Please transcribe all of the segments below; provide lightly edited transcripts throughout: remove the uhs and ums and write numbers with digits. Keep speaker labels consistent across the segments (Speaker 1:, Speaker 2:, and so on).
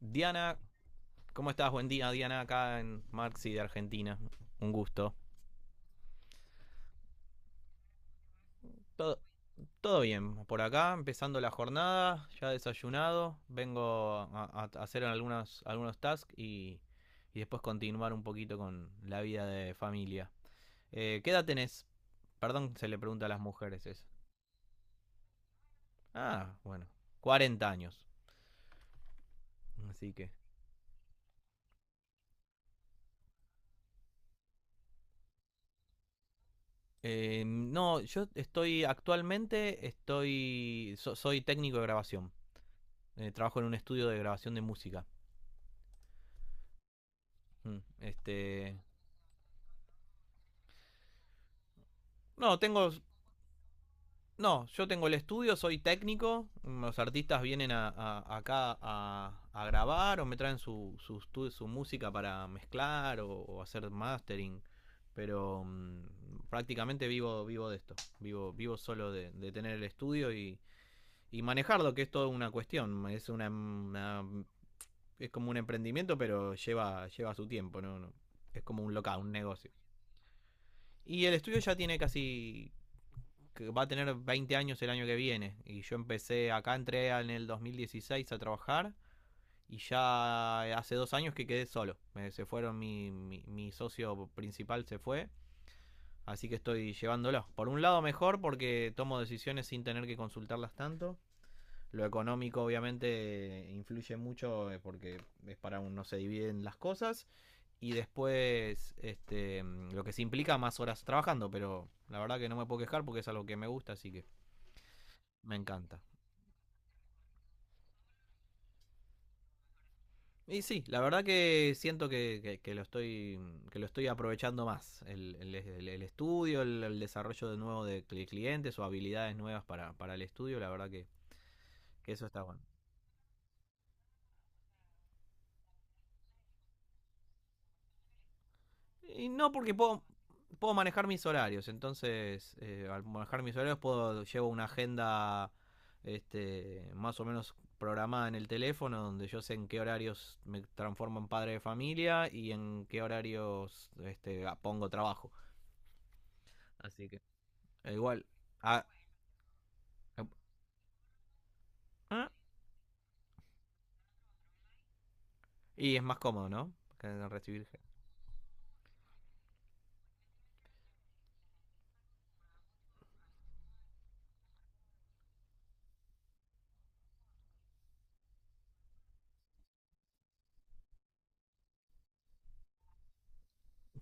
Speaker 1: Diana, ¿cómo estás? Buen día, Diana, acá en Marxi de Argentina. Un gusto. Todo, todo bien, por acá, empezando la jornada, ya desayunado, vengo a hacer algunas algunos tasks y después continuar un poquito con la vida de familia. ¿Qué edad tenés? Perdón, se le pregunta a las mujeres eso. Ah, bueno, 40 años. Así que... No, yo estoy actualmente, estoy, soy técnico de grabación. Trabajo en un estudio de grabación de música. Mm. No, tengo, no, yo tengo el estudio, soy técnico. Los artistas vienen a, acá a grabar o me traen su música para mezclar o hacer mastering. Pero prácticamente vivo de esto. Vivo solo de tener el estudio y manejarlo, que es toda una cuestión. Es es como un emprendimiento, pero lleva su tiempo, ¿no? No, es como un local, un negocio. Y el estudio ya tiene va a tener 20 años el año que viene. Y yo empecé, acá entré en el 2016 a trabajar y ya hace 2 años que quedé solo. Se fueron, mi socio principal se fue. Así que estoy llevándolo. Por un lado mejor porque tomo decisiones sin tener que consultarlas tanto. Lo económico obviamente influye mucho, porque es para uno se dividen las cosas y después lo que se implica más horas trabajando, pero la verdad que no me puedo quejar porque es algo que me gusta, así que me encanta. Y sí, la verdad que siento que lo estoy, que lo estoy aprovechando más. El estudio, el desarrollo de nuevo de clientes o habilidades nuevas para el estudio, la verdad que eso está bueno. Y no, porque puedo manejar mis horarios. Entonces, al manejar mis horarios, puedo llevo una agenda, más o menos programada en el teléfono, donde yo sé en qué horarios me transformo en padre de familia y en qué horarios pongo trabajo. Así que, igual. ah, ah, y es más cómodo, ¿no? Que recibir gente.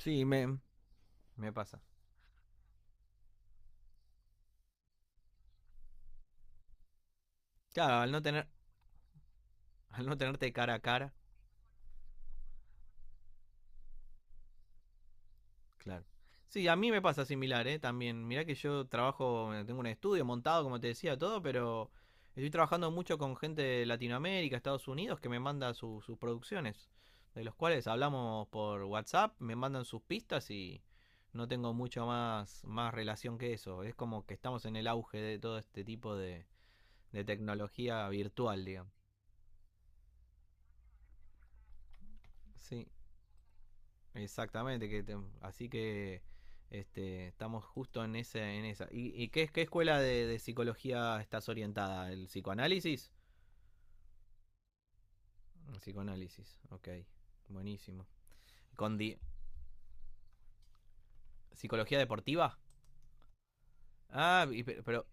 Speaker 1: Sí, me pasa. Claro, al no tenerte cara a cara. Claro. Sí, a mí me pasa similar, ¿eh? También. Mirá que yo trabajo, tengo un estudio montado, como te decía, todo, pero estoy trabajando mucho con gente de Latinoamérica, Estados Unidos, que me manda sus producciones, de los cuales hablamos por WhatsApp, me mandan sus pistas y no tengo mucho más, más relación que eso. Es como que estamos en el auge de todo este tipo de tecnología virtual, digamos. Sí. Exactamente, así que estamos justo en esa. ¿Y qué escuela de psicología estás orientada? ¿El psicoanálisis? El psicoanálisis, ok, buenísimo. ¿Con di- Psicología deportiva? Ah, y pero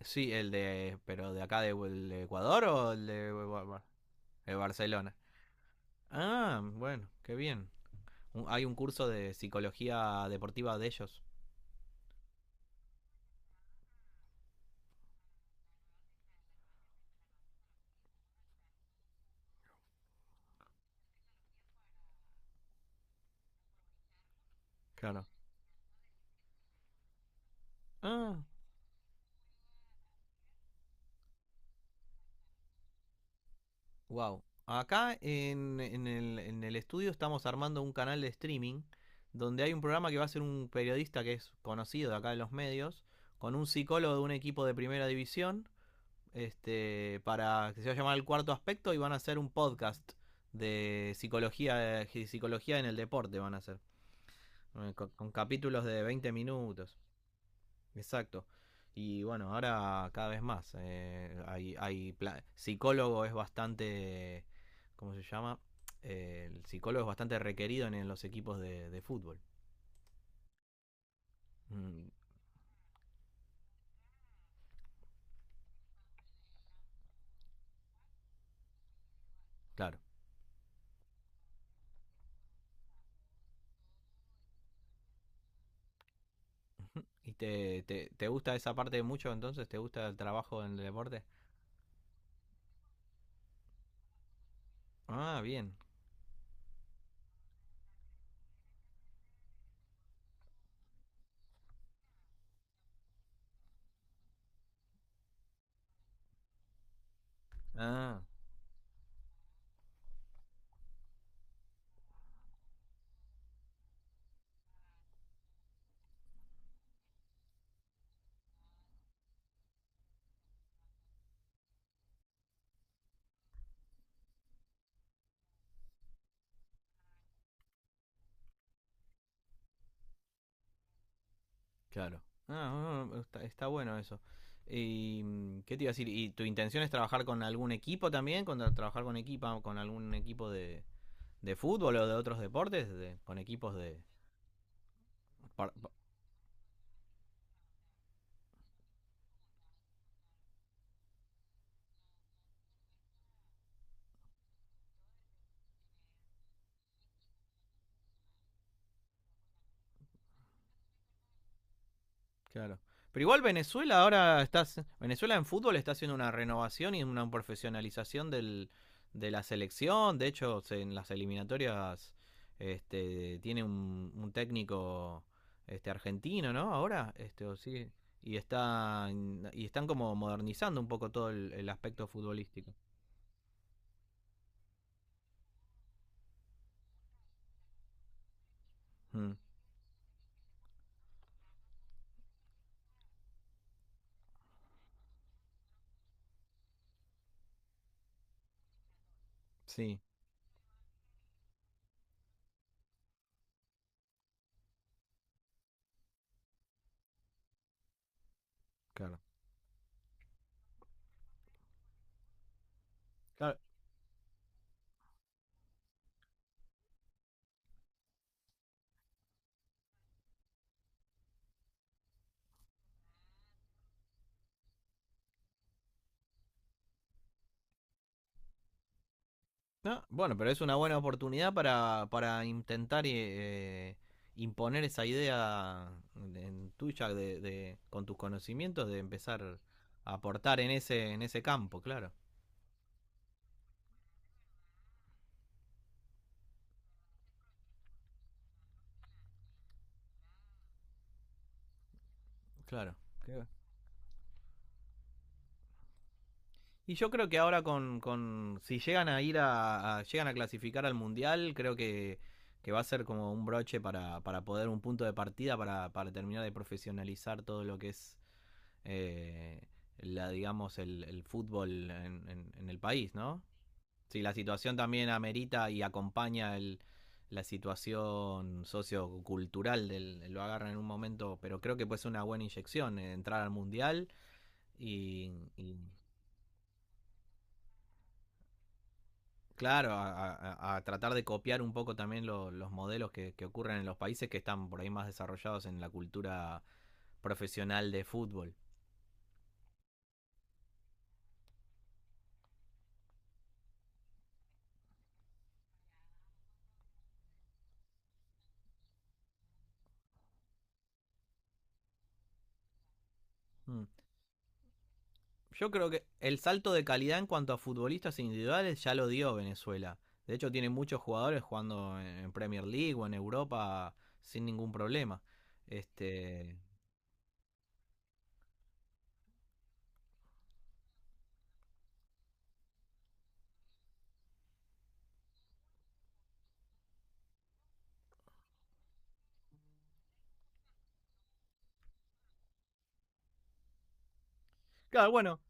Speaker 1: sí, el de, pero de acá de, el de Ecuador o el de de Barcelona. Ah, bueno, qué bien. Hay un curso de psicología deportiva de ellos. Claro. Ah. Wow. Acá en el estudio estamos armando un canal de streaming donde hay un programa que va a ser un periodista que es conocido de acá en los medios, con un psicólogo de un equipo de primera división, este, para que se va a llamar el cuarto aspecto y van a hacer un podcast de psicología en el deporte, van a hacer, con capítulos de 20 minutos. Exacto. Y bueno, ahora cada vez más. Hay psicólogo es bastante, ¿cómo se llama? El psicólogo es bastante requerido en los equipos de fútbol. Mm, claro. ¿Y te gusta esa parte mucho entonces? ¿Te gusta el trabajo en el deporte? Ah, bien. Ah, claro. Ah, ah, está, está bueno eso. ¿Y mm, qué te iba a decir? ¿Y tu intención es trabajar con algún equipo también? ¿Con, trabajar con equipa, con algún equipo de fútbol o de otros deportes de- con equipos de... par- pa- Claro? Pero igual Venezuela ahora está... Venezuela en fútbol está haciendo una renovación y una profesionalización del, de la selección. De hecho, en las eliminatorias este, tiene un técnico argentino, ¿no? Ahora, o sí, y están como modernizando un poco todo el aspecto futbolístico. Mm, sí. Claro. Claro. No, bueno, pero es una buena oportunidad para intentar, imponer esa idea en tuya de- con tus conocimientos de empezar a aportar en ese campo, claro, claro. Qué- Y yo creo que ahora con si llegan a ir a- llegan a clasificar al mundial, creo que va a ser como un broche para poder un punto de partida para terminar de profesionalizar todo lo que es, eh, la digamos el fútbol en el país, ¿no? Sí, la situación también amerita y acompaña la situación sociocultural del lo agarran en un momento, pero creo que puede ser una buena inyección, entrar al mundial y, y claro, a tratar de copiar un poco también los modelos que ocurren en los países que están por ahí más desarrollados en la cultura profesional de fútbol. Mm. Yo creo que el salto de calidad en cuanto a futbolistas individuales ya lo dio Venezuela. De hecho, tiene muchos jugadores jugando en Premier League o en Europa sin ningún problema. Este, claro, bueno,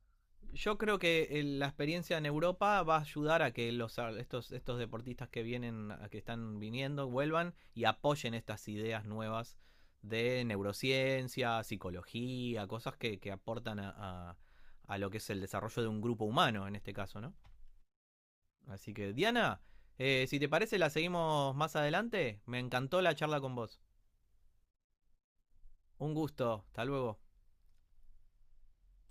Speaker 1: yo creo que la experiencia en Europa va a ayudar a que los, a estos deportistas que vienen, a que están viniendo, vuelvan y apoyen estas ideas nuevas de neurociencia, psicología, cosas que aportan a, a- a lo que es el desarrollo de un grupo humano en este caso, ¿no? Así que, Diana, si te parece, la seguimos más adelante. Me encantó la charla con vos. Un gusto. Hasta luego.